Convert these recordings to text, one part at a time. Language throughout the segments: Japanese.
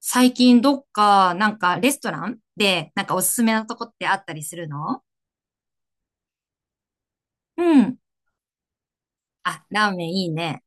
最近どっか、なんかレストランで、なんかおすすめのとこってあったりするの？うん。あ、ラーメンいいね。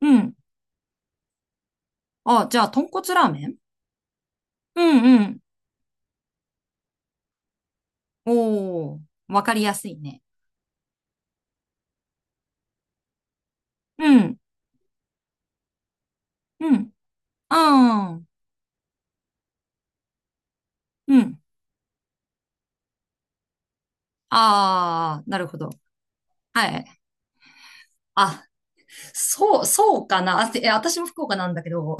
うん。あ、じゃあ、豚骨ラーメン？うんうん。おー、わかりやすいね。うん、うん、あー、うん。あー、なるほど。はい。あ、そう、そうかな。あ、私も福岡なんだけど、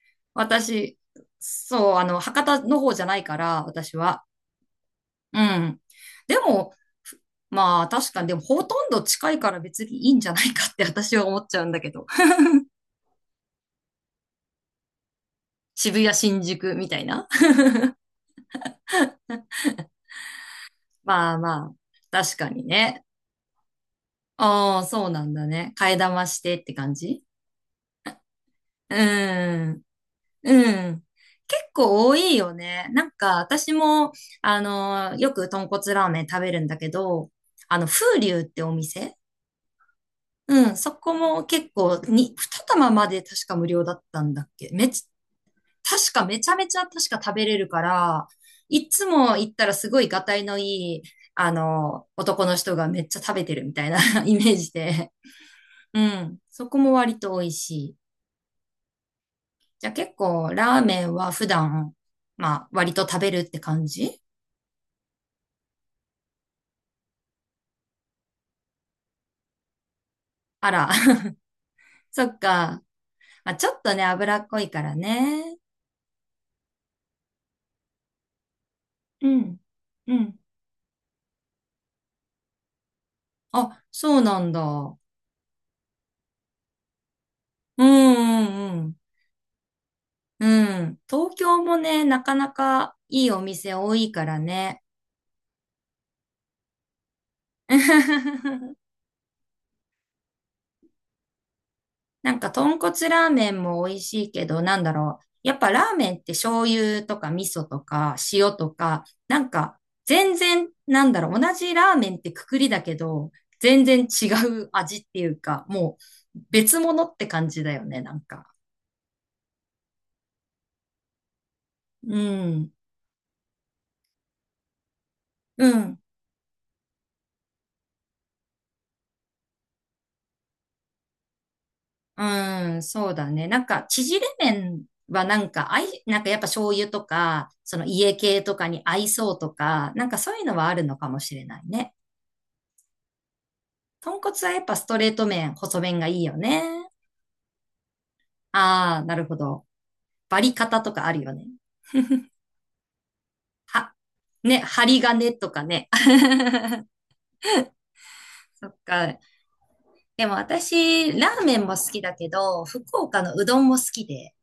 私、そう、あの、博多の方じゃないから、私は。うん。でも、ふまあ確かに、でもほとんど近いから別にいいんじゃないかって私は思っちゃうんだけど。渋谷、新宿みたいな。まあまあ、確かにね。ああ、そうなんだね。替え玉してって感じ？うん。うん。結構多いよね。なんか私も、あの、よく豚骨ラーメン食べるんだけど、あの、風流ってお店。うん、そこも結構に、二玉まで確か無料だったんだっけ。確かめちゃめちゃ確か食べれるから、いつも行ったらすごいがたいのいい、あの、男の人がめっちゃ食べてるみたいな イメージで。うん。そこも割と美味しい。じゃあ結構ラーメンは普段、まあ割と食べるって感じ？あら。そっか。まあ、ちょっとね、脂っこいからね。うん。うん。あ、そうなんだ。うんうんうん。うん。東京もね、なかなかいいお店多いからね。なんか、豚骨ラーメンも美味しいけど、なんだろう。やっぱラーメンって醤油とか味噌とか塩とか、なんか、全然、なんだろう。同じラーメンってくくりだけど、全然違う味っていうか、もう別物って感じだよね、なんか。うん。うん。うん、そうだね。なんか、縮れ麺はなんか、なんかやっぱ醤油とか、その家系とかに合いそうとか、なんかそういうのはあるのかもしれないね。豚骨はやっぱストレート麺、細麺がいいよね。ああ、なるほど。バリ方とかあるよね。は、ね、針金とかね。そっか。でも私、ラーメンも好きだけど、福岡のうどんも好きで。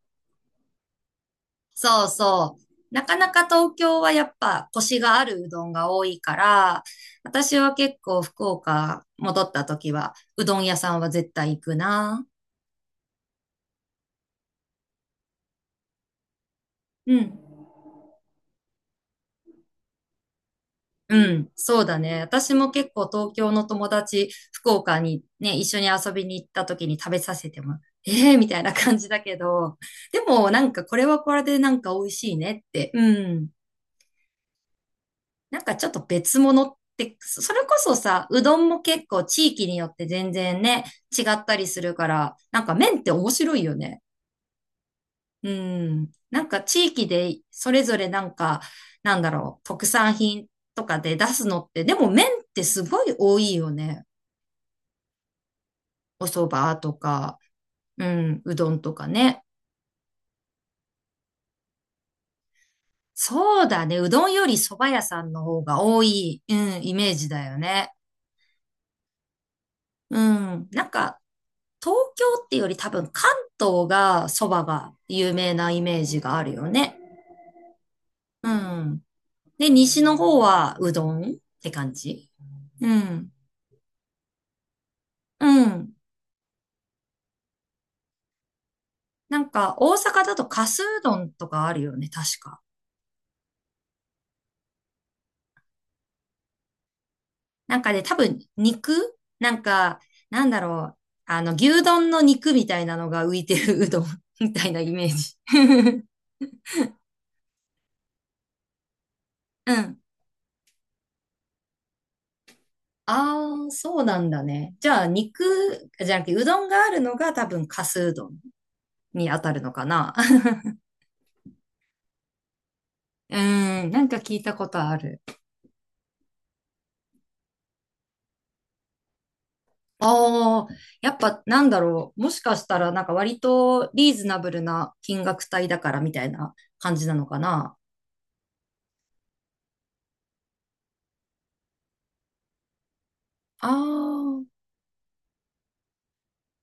そうそう。なかなか東京はやっぱコシがあるうどんが多いから、私は結構福岡戻った時は、うどん屋さんは絶対行くな。うん。うん、そうだね。私も結構東京の友達、福岡にね、一緒に遊びに行った時に食べさせても、ええみたいな感じだけど、でもなんかこれはこれでなんか美味しいねって、うん。なんかちょっと別物って、それこそさ、うどんも結構地域によって全然ね、違ったりするから、なんか麺って面白いよね。うん。なんか地域でそれぞれなんか、なんだろう、特産品とかで出すのって、でも麺ってすごい多いよね。お蕎麦とか、うん、うどんとかね。そうだね。うどんより蕎麦屋さんの方が多い、うん、イメージだよね。うん。なんか、東京ってより多分関東が蕎麦が有名なイメージがあるよね。うん。で、西の方はうどんって感じ。うん。うん。なんか、大阪だとかすうどんとかあるよね、確か。なんかね、多分、肉なんか、なんだろう。あの、牛丼の肉みたいなのが浮いてるうどん みたいなイメージ。うん。ああ、そうなんだね。じゃあ、肉、じゃなくて、うどんがあるのが多分、かすうどんに当たるのかな。うーん、なんか聞いたことある。ああ、やっぱなんだろう。もしかしたらなんか割とリーズナブルな金額帯だからみたいな感じなのかな。ああ、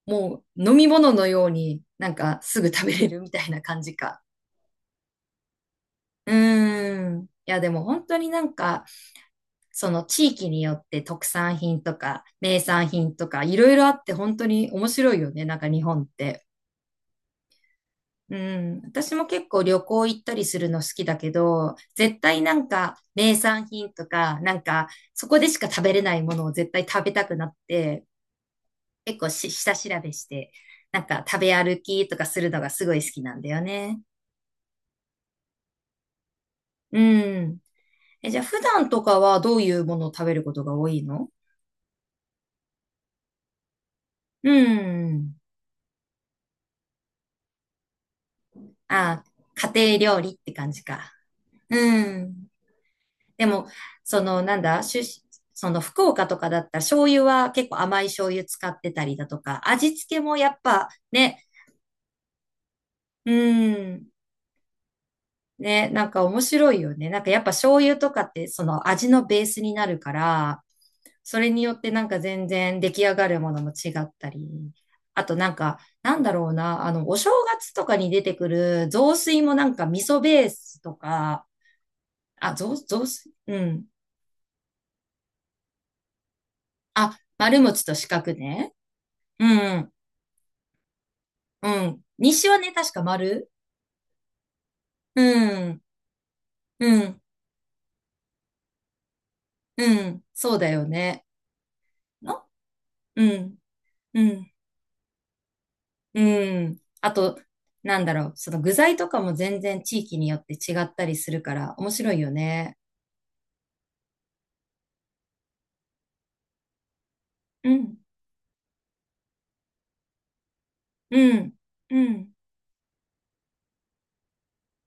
もう飲み物のようになんかすぐ食べれるみたいな感じか。うーん。いやでも本当になんかその地域によって特産品とか名産品とかいろいろあって本当に面白いよね。なんか日本って。うん。私も結構旅行行ったりするの好きだけど、絶対なんか名産品とかなんかそこでしか食べれないものを絶対食べたくなって、結構下調べして、なんか食べ歩きとかするのがすごい好きなんだよね。うん。え、じゃあ普段とかはどういうものを食べることが多いの？うん。あ、家庭料理って感じか。うん。でも、その、なんだ、その福岡とかだったら醤油は結構甘い醤油使ってたりだとか、味付けもやっぱね、うん。ね、なんか面白いよね。なんかやっぱ醤油とかってその味のベースになるから、それによってなんか全然出来上がるものも違ったり、あとなんか、なんだろうな、あの、お正月とかに出てくる雑炊もなんか味噌ベースとか、あ、雑炊。うん。あ、丸餅と四角ね。うん、うん。西はね、確か丸。うん、うん、うん。そうだよね。のうん、うん。うん。あと、なんだろう、その具材とかも全然地域によって違ったりするから面白いよね。うん、うん、うん、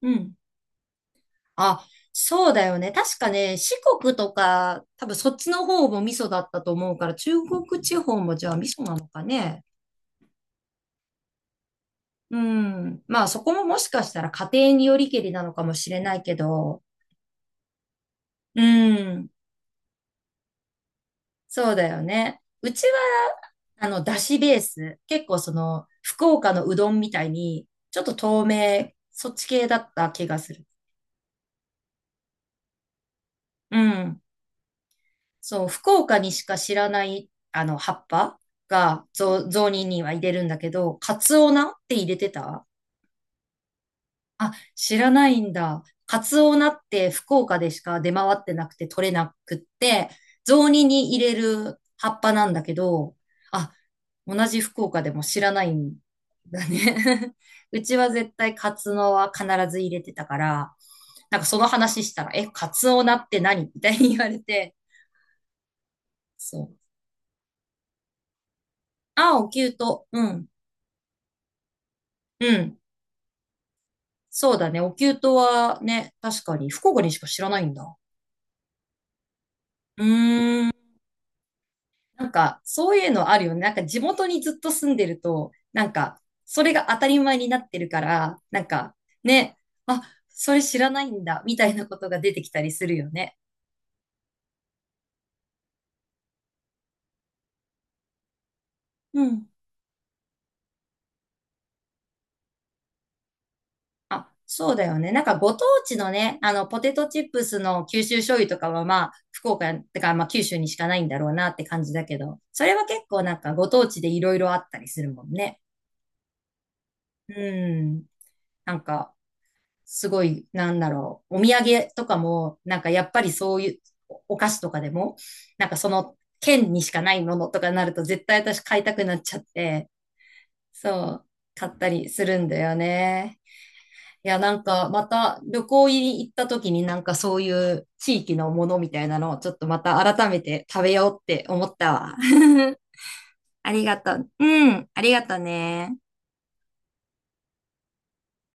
うん。あ、そうだよね。確かね、四国とか、多分そっちの方も味噌だったと思うから、中国地方もじゃあ味噌なのかね。うん。まあそこももしかしたら家庭によりけりなのかもしれないけど、うん。そうだよね。うちは、あの、だしベース。結構その、福岡のうどんみたいに、ちょっと透明、そっち系だった気がする。うん。そう、福岡にしか知らない、あの、葉っぱが、雑煮には入れるんだけど、カツオナって入れてた？あ、知らないんだ。カツオナって福岡でしか出回ってなくて取れなくって、雑煮に入れる葉っぱなんだけど、あ、同じ福岡でも知らないんだね。うちは絶対カツオは必ず入れてたから、なんかその話したら、え、カツオナって何みたいに言われて、そう。あ、お灸と、うん、うん。そうだね。お灸とはね、確かに福岡にしか知らないんだ。うーん。なんか、そういうのあるよね。なんか、地元にずっと住んでると、なんか、それが当たり前になってるから、なんか、ね、あ、それ知らないんだ、みたいなことが出てきたりするよね。うん。あ、そうだよね。なんか、ご当地のね、あの、ポテトチップスの九州醤油とかは、まあ、福岡、てか、まあ、九州にしかないんだろうなって感じだけど、それは結構なんか、ご当地でいろいろあったりするもんね。うん。なんか、すごい、なんだろう、お土産とかも、なんかやっぱりそういうお菓子とかでも、なんかその県にしかないものとかになると絶対私買いたくなっちゃって、そう、買ったりするんだよね。いや、なんかまた旅行に行った時になんかそういう地域のものみたいなのをちょっとまた改めて食べようって思ったわ。ありがとう。うん、ありがとうね。